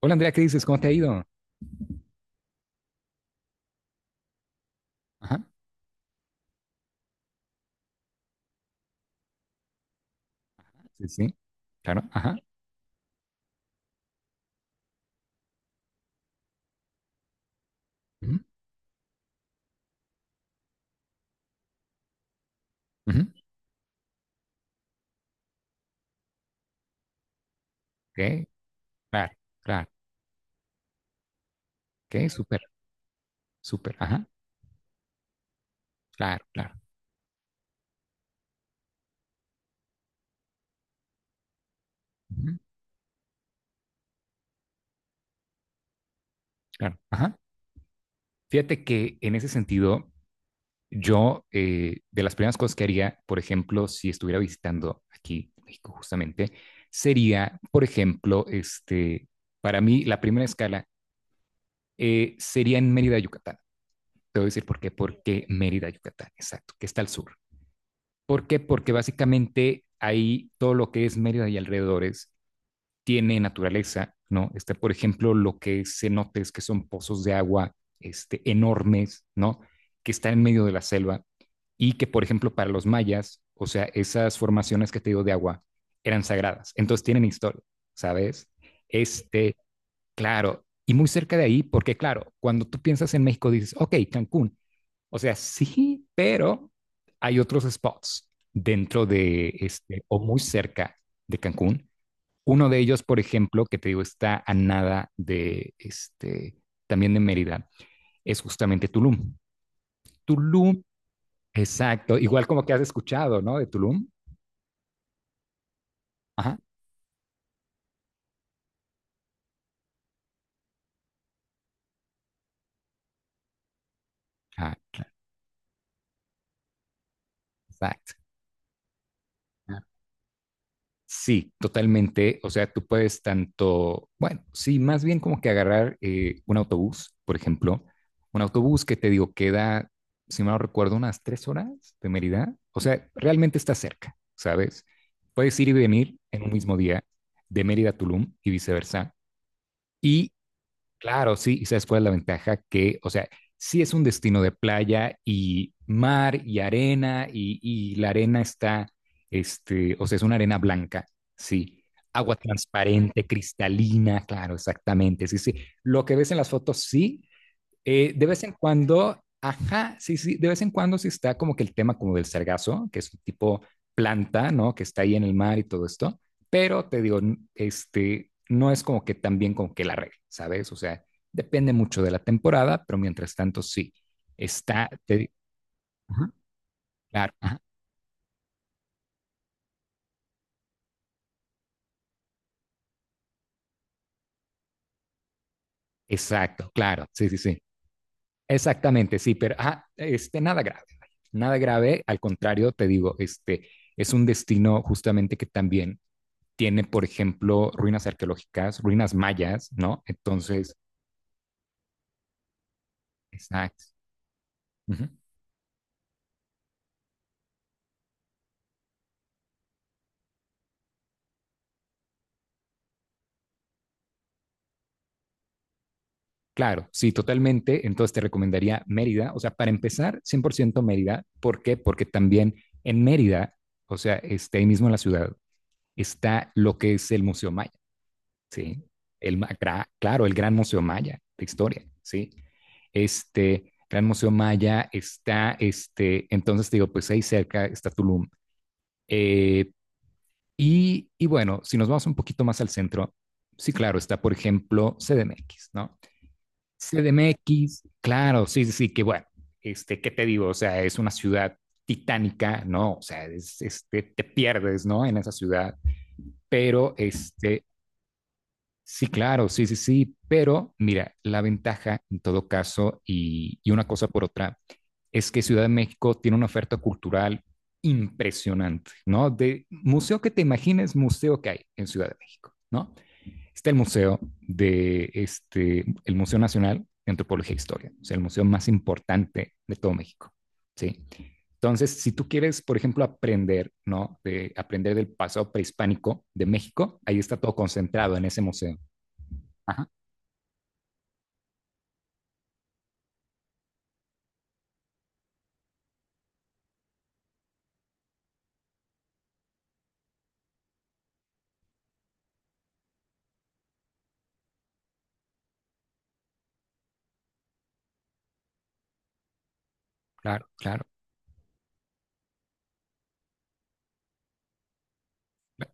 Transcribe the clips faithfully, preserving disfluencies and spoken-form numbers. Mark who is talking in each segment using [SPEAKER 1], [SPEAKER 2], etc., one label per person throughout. [SPEAKER 1] Hola Andrea, ¿qué dices? ¿Cómo te ha ido? Ajá, sí, sí, claro, ajá. Ujú, ujú, ok, claro, claro, ok, súper, súper, ajá, claro, claro, ujú, claro, ajá. Fíjate que en ese sentido, yo eh, de las primeras cosas que haría, por ejemplo, si estuviera visitando aquí México justamente, sería, por ejemplo, este, para mí la primera escala eh, sería en Mérida, Yucatán. Te voy a decir por qué, porque Mérida, Yucatán, exacto, que está al sur. ¿Por qué? Porque básicamente ahí todo lo que es Mérida y alrededores tiene naturaleza, ¿no? Está, por ejemplo, lo que se nota es que son pozos de agua este, enormes, ¿no? Que están en medio de la selva y que, por ejemplo, para los mayas, o sea, esas formaciones que te digo de agua eran sagradas, entonces tienen historia, ¿sabes? Este, claro, y muy cerca de ahí, porque claro, cuando tú piensas en México dices, ok, Cancún, o sea, sí, pero hay otros spots dentro de este o muy cerca de Cancún. Uno de ellos, por ejemplo, que te digo, está a nada de este, también de Mérida, es justamente Tulum. Tulum, exacto, igual como que has escuchado, ¿no? De Tulum. Ajá. Ah, claro, exacto. Sí, totalmente. O sea, tú puedes tanto, bueno, sí, más bien como que agarrar eh, un autobús, por ejemplo, un autobús que te digo queda, si mal no recuerdo, unas tres horas de Mérida. O sea, realmente está cerca, ¿sabes? Puedes ir y venir en un mismo día de Mérida a Tulum y viceversa. Y claro, sí, y sabes cuál es la ventaja que, o sea, sí es un destino de playa y mar y arena y, y la arena está, este, o sea, es una arena blanca, sí, agua transparente, cristalina, claro, exactamente, sí, sí. Lo que ves en las fotos, sí, eh, de vez en cuando, ajá, sí, sí, de vez en cuando sí está como que el tema como del sargazo, que es un tipo planta, ¿no? Que está ahí en el mar y todo esto, pero te digo, n- este, no es como que tan bien como que la regla, ¿sabes? O sea, depende mucho de la temporada, pero mientras tanto sí, está, te di- ajá, claro, ajá, exacto, claro, sí, sí, sí, exactamente, sí, pero, ajá, este, nada grave, vaya, nada grave, al contrario, te digo, este, es un destino justamente que también tiene, por ejemplo, ruinas arqueológicas, ruinas mayas, ¿no? Entonces, exacto. Uh -huh. Claro, sí, totalmente. Entonces te recomendaría Mérida. O sea, para empezar, cien por ciento Mérida. ¿Por qué? Porque también en Mérida, o sea, este, ahí mismo en la ciudad, está lo que es el Museo Maya, ¿sí? El, ma gra- claro, el Gran Museo Maya de Historia, ¿sí? Este Gran Museo Maya está, este, entonces te digo, pues ahí cerca está Tulum. Eh, Y, y bueno, si nos vamos un poquito más al centro, sí, claro, está, por ejemplo, C D M X, ¿no? C D M X, claro, sí, sí, sí, que bueno, este, ¿qué te digo? O sea, es una ciudad titánica, ¿no? O sea, es, este, te pierdes, ¿no? En esa ciudad, pero este, sí, claro, sí, sí, sí, pero mira, la ventaja en todo caso y, y una cosa por otra, es que Ciudad de México tiene una oferta cultural impresionante, ¿no? De museo que te imagines, museo que hay en Ciudad de México, ¿no? Está el museo de este, el Museo Nacional de Antropología e Historia, o sea, el museo más importante de todo México, ¿sí? Entonces, si tú quieres, por ejemplo, aprender, ¿no? De aprender del pasado prehispánico de México, ahí está todo concentrado en ese museo. Ajá, claro, claro. cl-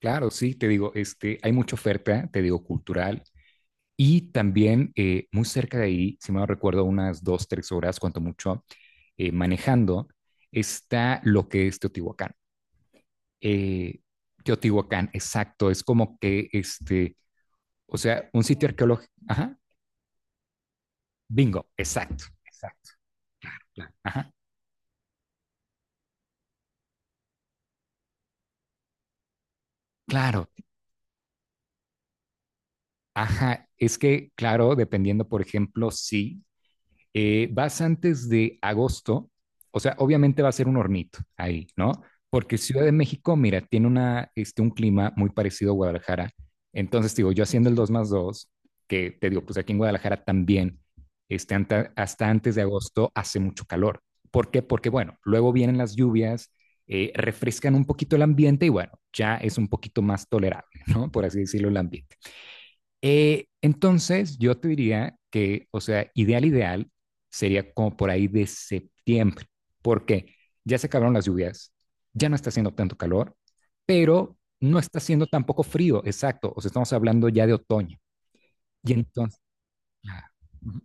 [SPEAKER 1] Claro, sí, te digo, este, hay mucha oferta, te digo, cultural. Y también eh, muy cerca de ahí, si me recuerdo, unas dos, tres horas, cuanto mucho, eh, manejando, está lo que es Teotihuacán. Eh, Teotihuacán, exacto, es como que este, o sea, un sitio arqueológico. Ajá, bingo, exacto, exacto. Claro. Ajá, claro, ajá, es que, claro, dependiendo, por ejemplo, sí eh, vas antes de agosto, o sea, obviamente va a ser un hornito ahí, ¿no? Porque Ciudad de México, mira, tiene una, este, un clima muy parecido a Guadalajara. Entonces, digo, yo haciendo el dos más dos, que te digo, pues aquí en Guadalajara también, este, anta- hasta antes de agosto hace mucho calor. ¿Por qué? Porque, bueno, luego vienen las lluvias, eh, refrescan un poquito el ambiente y, bueno, ya es un poquito más tolerable, ¿no? Por así decirlo, el ambiente. Eh, entonces, yo te diría que, o sea, ideal, ideal sería como por ahí de septiembre, porque ya se acabaron las lluvias, ya no está haciendo tanto calor, pero no está haciendo tampoco frío, exacto. O sea, estamos hablando ya de otoño. Y entonces, ah, ujú.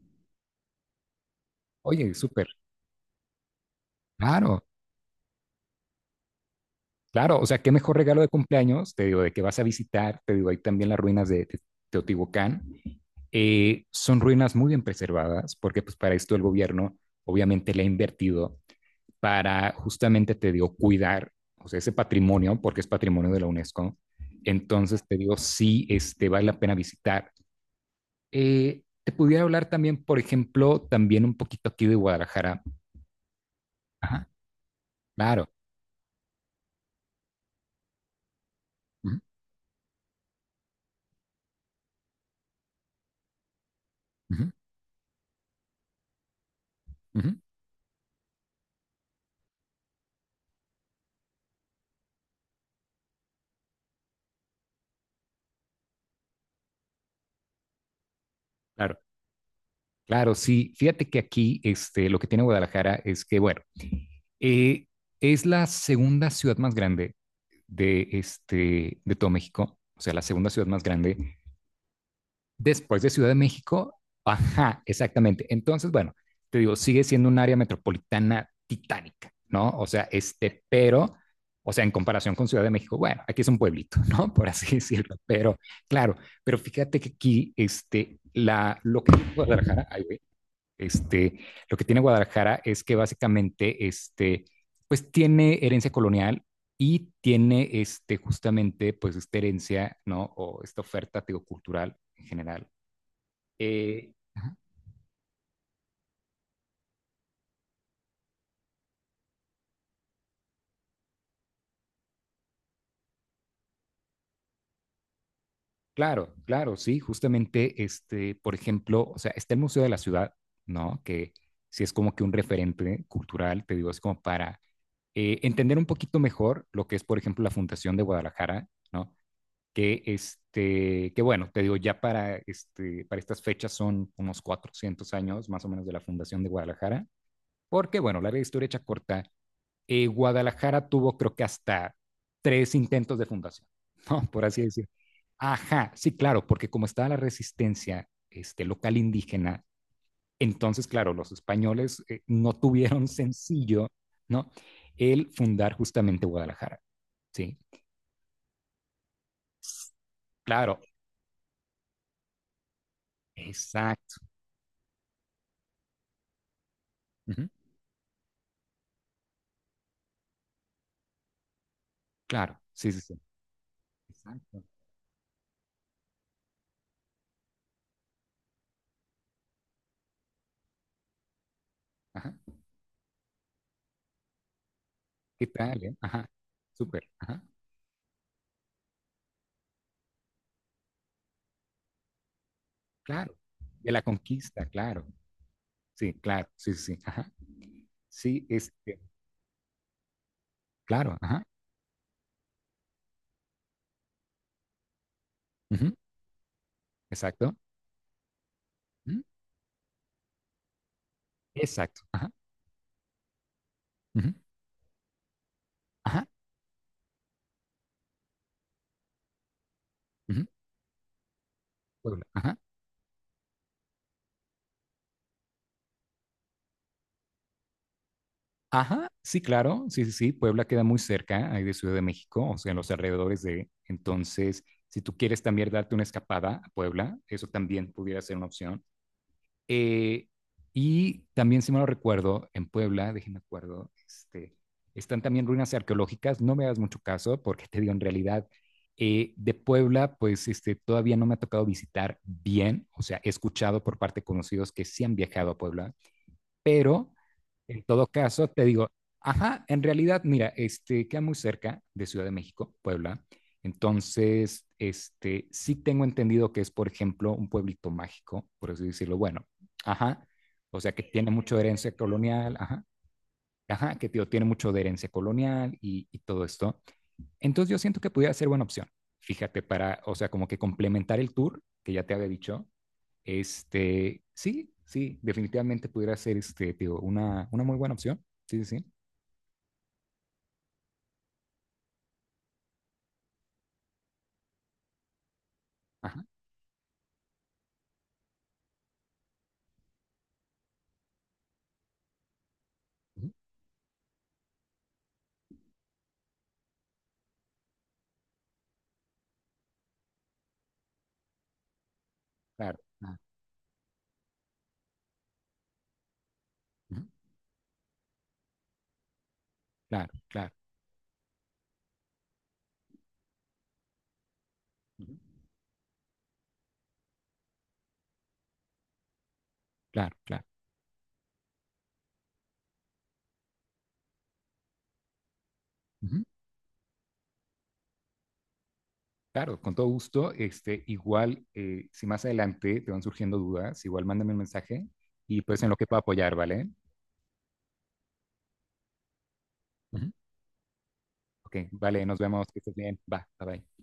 [SPEAKER 1] Oye, súper, claro. Claro, o sea, qué mejor regalo de cumpleaños, te digo, de que vas a visitar, te digo, ahí también las ruinas de, de Teotihuacán. Eh, son ruinas muy bien preservadas, porque pues para esto el gobierno obviamente le ha invertido para justamente, te digo, cuidar, o sea, ese patrimonio, porque es patrimonio de la UNESCO. Entonces, te digo, sí, este, vale la pena visitar. Eh, te pudiera hablar también, por ejemplo, también un poquito aquí de Guadalajara. Ajá, claro. Ujú, ujú, ujú, claro. Claro, sí. Fíjate que aquí este, lo que tiene Guadalajara es que, bueno, eh, es la segunda ciudad más grande de, este, de todo México, o sea, la segunda ciudad más grande después de Ciudad de México. Ajá, exactamente. Entonces, bueno, te digo, sigue siendo un área metropolitana titánica, ¿no? O sea, este, pero, o sea, en comparación con Ciudad de México, bueno, aquí es un pueblito, ¿no? Por así decirlo, pero claro, pero fíjate que aquí, este, la, lo que es Guadalajara, ay, güey, este, lo que tiene Guadalajara es que básicamente, este, pues tiene herencia colonial y tiene, este, justamente, pues esta herencia, ¿no? O esta oferta, teocultural en general. Eh, claro, claro, sí, justamente, este, por ejemplo, o sea, está el Museo de la Ciudad, ¿no? Que sí es como que un referente cultural, te digo, es como para eh, entender un poquito mejor lo que es, por ejemplo, la Fundación de Guadalajara, ¿no? Que, este, que bueno, te digo, ya para, este, para estas fechas son unos cuatrocientos años más o menos de la fundación de Guadalajara, porque bueno, larga historia hecha corta, eh, Guadalajara tuvo creo que hasta tres intentos de fundación, ¿no? Por así decir. Ajá, sí, claro, porque como estaba la resistencia este, local indígena, entonces, claro, los españoles eh, no tuvieron sencillo, ¿no? El fundar justamente Guadalajara, ¿sí? Claro, exacto. Ujú. Claro, sí, sí, sí. Exacto. Ajá. ¿Qué tal, eh? Ajá. Súper. Ajá. Claro. De la conquista, claro. Sí, claro. Sí, sí, sí. Ajá. Sí, este, claro. Ajá. Ujú, exacto. Ujú, exacto. Ajá. Ujú, ajá. Ujú, Puebla. Ajá. Ajá. Sí, claro. Sí, sí, sí. Puebla queda muy cerca ahí de Ciudad de México, o sea, en los alrededores de. Entonces, si tú quieres también darte una escapada a Puebla, eso también pudiera ser una opción. Eh, y también, si me lo recuerdo, en Puebla, déjenme acuerdo, este, están también ruinas arqueológicas. No me hagas mucho caso porque te digo, en realidad, eh, de Puebla, pues este, todavía no me ha tocado visitar bien, o sea, he escuchado por parte de conocidos que sí han viajado a Puebla, pero en todo caso, te digo, ajá, en realidad, mira, este queda muy cerca de Ciudad de México, Puebla. Entonces, este, sí tengo entendido que es, por ejemplo, un pueblito mágico, por así decirlo. Bueno, ajá, o sea que tiene mucho de herencia colonial, ajá, ajá, que tío, tiene mucho de herencia colonial y, y todo esto. Entonces, yo siento que pudiera ser buena opción. Fíjate, para, o sea, como que complementar el tour que ya te había dicho, este, sí, sí, definitivamente pudiera ser este, digo, una, una muy buena opción. Sí, sí, sí. Ajá. Ujú, claro, ah, ujú, claro, claro, ujú, claro, claro. Ujú, claro, con todo gusto. Este, igual, eh, si más adelante te van surgiendo dudas, igual mándame un mensaje y pues en lo que pueda apoyar, ¿vale? Ujú. Ok, vale, nos vemos, que estés bien. Va, bye bye.